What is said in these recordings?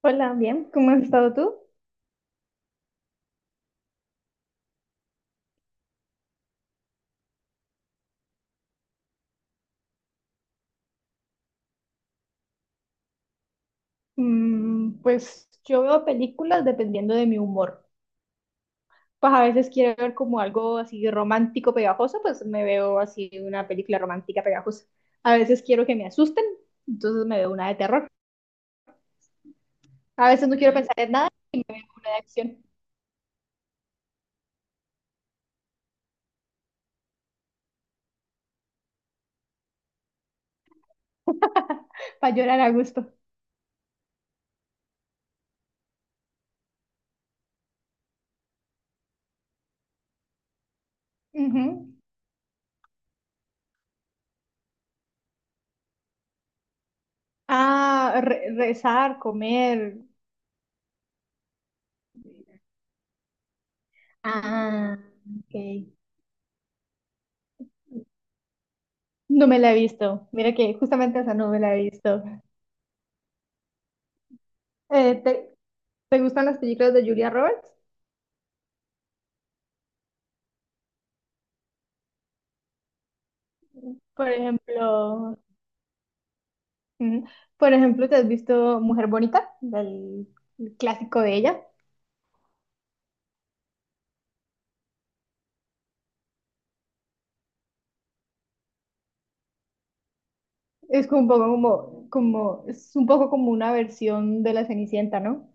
Hola, bien, ¿cómo has estado tú? Pues yo veo películas dependiendo de mi humor. Pues a veces quiero ver como algo así romántico pegajoso, pues me veo así una película romántica pegajosa. A veces quiero que me asusten, entonces me veo una de terror. A veces no quiero pensar en nada y me veo de acción. Para llorar a gusto. Ujú. Ah, rezar, comer. Ah, ok. No me la he visto. Mira que justamente esa no me la he visto. Eh, te- ¿Te gustan las películas de Julia Roberts? Por ejemplo, mm, por ejemplo, ¿te has visto Mujer Bonita? Del el clásico de ella. Es como un poco es un poco como una versión de la Cenicienta, ¿no?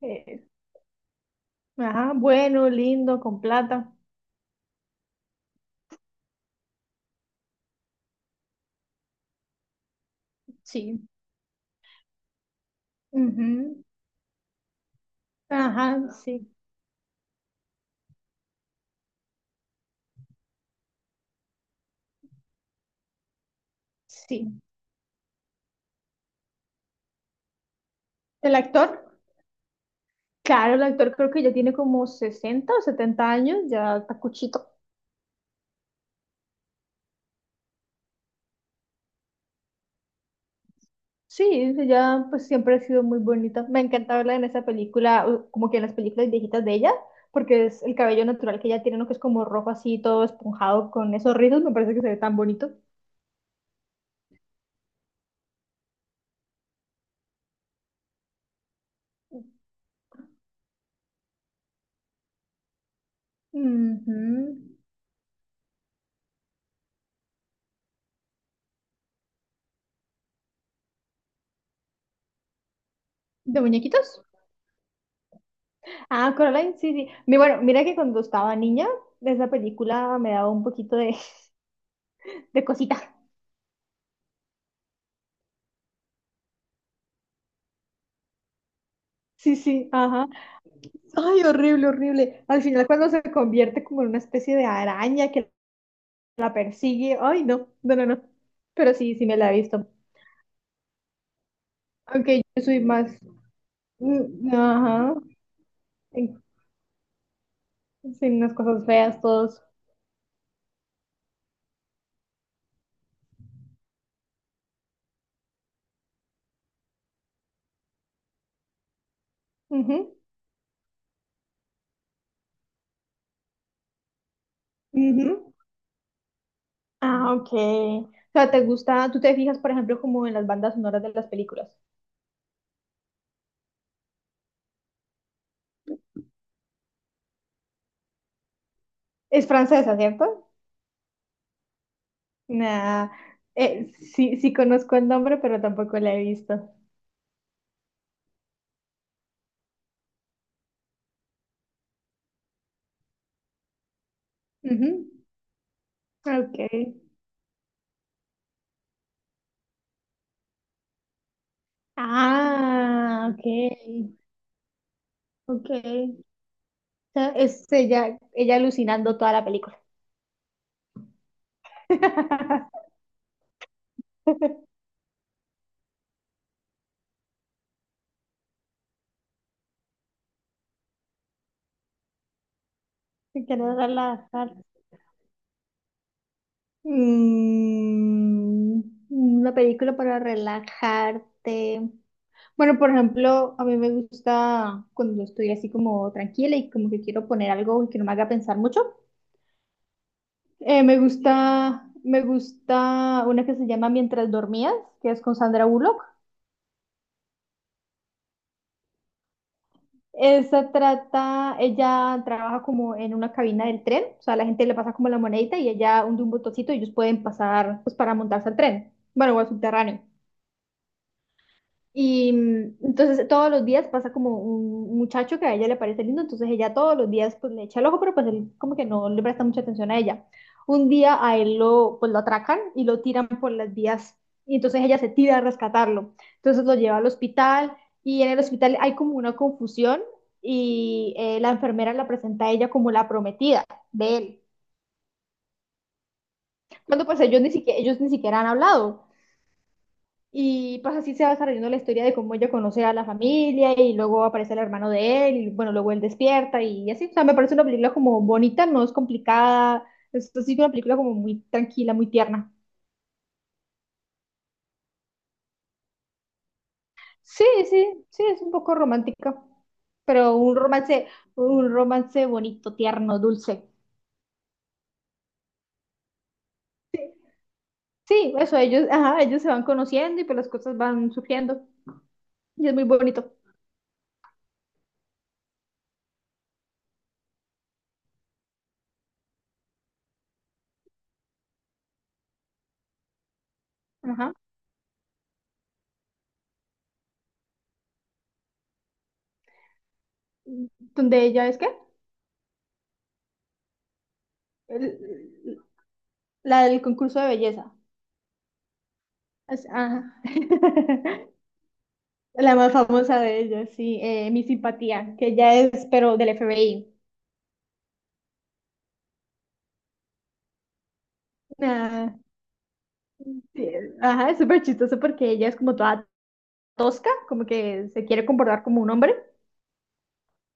Eh, ajá, bueno, lindo, con plata. Sí. Ujú. Ajá, sí, sí. ¿El actor? Claro, el actor creo que ya tiene como 60 o 70 años, ya está cuchito. Sí, ella pues siempre ha sido muy bonita. Me encanta verla en esa película, como que en las películas viejitas de ella, porque es el cabello natural que ella tiene, ¿no? Que es como rojo así, todo esponjado con esos rizos, me parece que se ve tan bonito. Ujú. ¿De muñequitos? Ah, Coraline, sí, sí. Bueno, mira que cuando estaba niña, esa película me daba un poquito de, de cosita. Sí, sí, ajá. Ay, horrible, horrible. Al final cuando se convierte como en una especie de araña que la persigue, ay, no, no, no, no. Pero sí, sí me la he visto. Aunque yo soy más, ajá, en, en las cosas feas, todos. Ujú, ujú. Ah, ok. O sea, ¿te gusta, tú te fijas, por ejemplo, como en las bandas sonoras de las películas? Es francesa, ¿cierto? Nah, sí, sí conozco el nombre, pero tampoco la he visto. Ujú, ok. Ah, ok, ok. O sea, es ella alucinando toda la película. Sin querer darla. Mm, una película para relajarte. Bueno, por ejemplo, a mí me gusta cuando estoy así como tranquila y como que quiero poner algo que no me haga pensar mucho. Me gusta una que se llama Mientras dormías, que es con Sandra Bullock. Esa trata, ella trabaja como en una cabina del tren, o sea, la gente le pasa como la monedita y ella hunde un botoncito y ellos pueden pasar pues para montarse al tren, bueno, o al subterráneo. Y entonces todos los días pasa como un muchacho que a ella le parece lindo, entonces ella todos los días pues le echa el ojo, pero pues él como que no le presta mucha atención a ella. Un día a él lo, pues, lo atracan y lo tiran por las vías y entonces ella se tira a rescatarlo. Entonces lo lleva al hospital y en el hospital hay como una confusión y la enfermera la presenta a ella como la prometida de él. Cuando pues ellos ni siquiera han hablado. Y pues así se va desarrollando la historia de cómo ella conoce a la familia y luego aparece el hermano de él y bueno, luego él despierta y así. O sea, me parece una película como bonita, no es complicada, es así una película como muy tranquila, muy tierna. Sí, sí, sí, es un poco romántica, pero un romance bonito, tierno, dulce. Sí, eso, ellos, ajá, ellos se van conociendo y pues las cosas van surgiendo y es muy bonito. Ajá. Donde ella es que el la del concurso de belleza. Ajá. La más famosa de ellas, sí, Mi Simpatía, que ella es, pero del FBI. Ah, sí, ajá, es súper chistoso porque ella es como toda tosca, como que se quiere comportar como un hombre.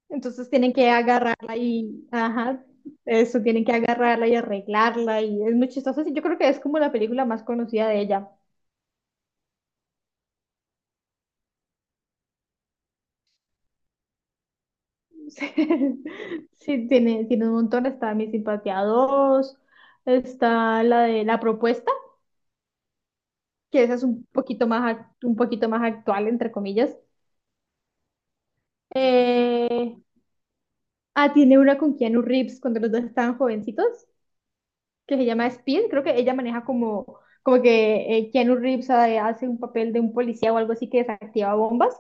Entonces tienen que agarrarla y, ajá, eso, tienen que agarrarla y arreglarla y es muy chistoso. Sí, yo creo que es como la película más conocida de ella. Sí, tiene, tiene un montón, está Mi Simpatía dos, está la de La Propuesta, que esa es un poquito más, un poquito más actual, entre comillas. Eh, tiene una con Keanu Reeves cuando los dos estaban jovencitos, que se llama Speed. Creo que ella maneja como, como que Keanu Reeves hace un papel de un policía o algo así que desactiva bombas.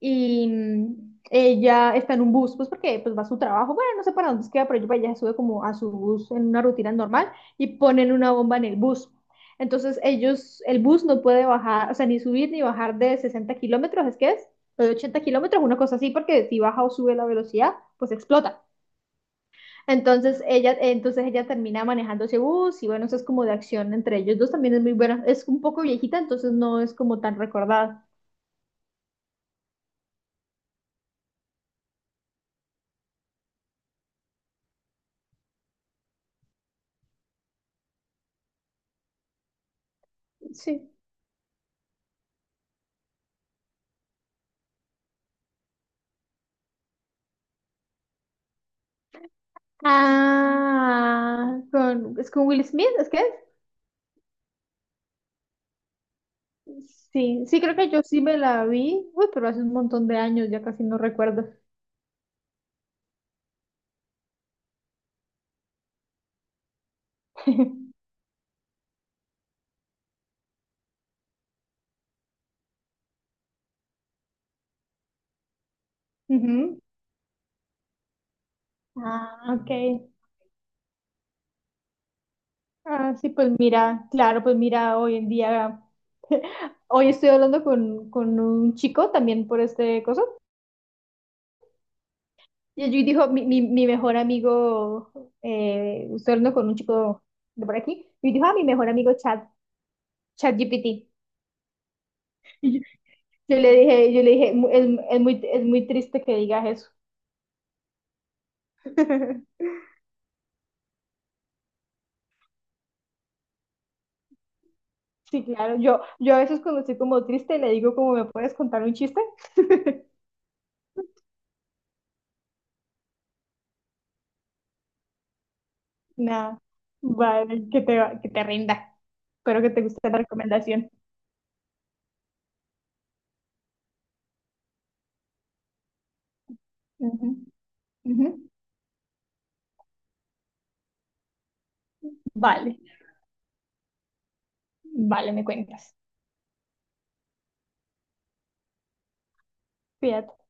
Y ella está en un bus, pues porque pues va a su trabajo, bueno, no sé para dónde es que va, pero ella sube como a su bus en una rutina normal y ponen una bomba en el bus. Entonces ellos, el bus no puede bajar, o sea, ni subir ni bajar de 60 kilómetros, ¿es que es? O de 80 kilómetros, una cosa así, porque si baja o sube la velocidad, pues explota. Entonces ella termina manejando ese bus y bueno, eso es como de acción entre ellos dos, también es muy buena, es un poco viejita, entonces no es como tan recordada. Sí. Ah, con, ¿es con Will Smith? ¿Es que es? Sí, sí, creo que yo sí me la vi. Uy, pero hace un montón de años, ya casi no recuerdo. Ujú. Ah, ok. Ah, sí, pues mira, claro, pues mira, hoy en día, hoy estoy hablando con un chico también por este cosa. Y allí dijo, mi mejor amigo, estoy hablando con un chico de por aquí, y dijo, ah, mi mejor amigo ChatGPT. Yo le dije, es muy triste que digas eso". Sí, claro, yo a veces cuando estoy como triste le digo como, ¿me puedes contar un chiste? Nada, vale, que te rinda. Espero que te guste la recomendación. Ujú, ujú. Vale, vale, me cuentas. Cuídate.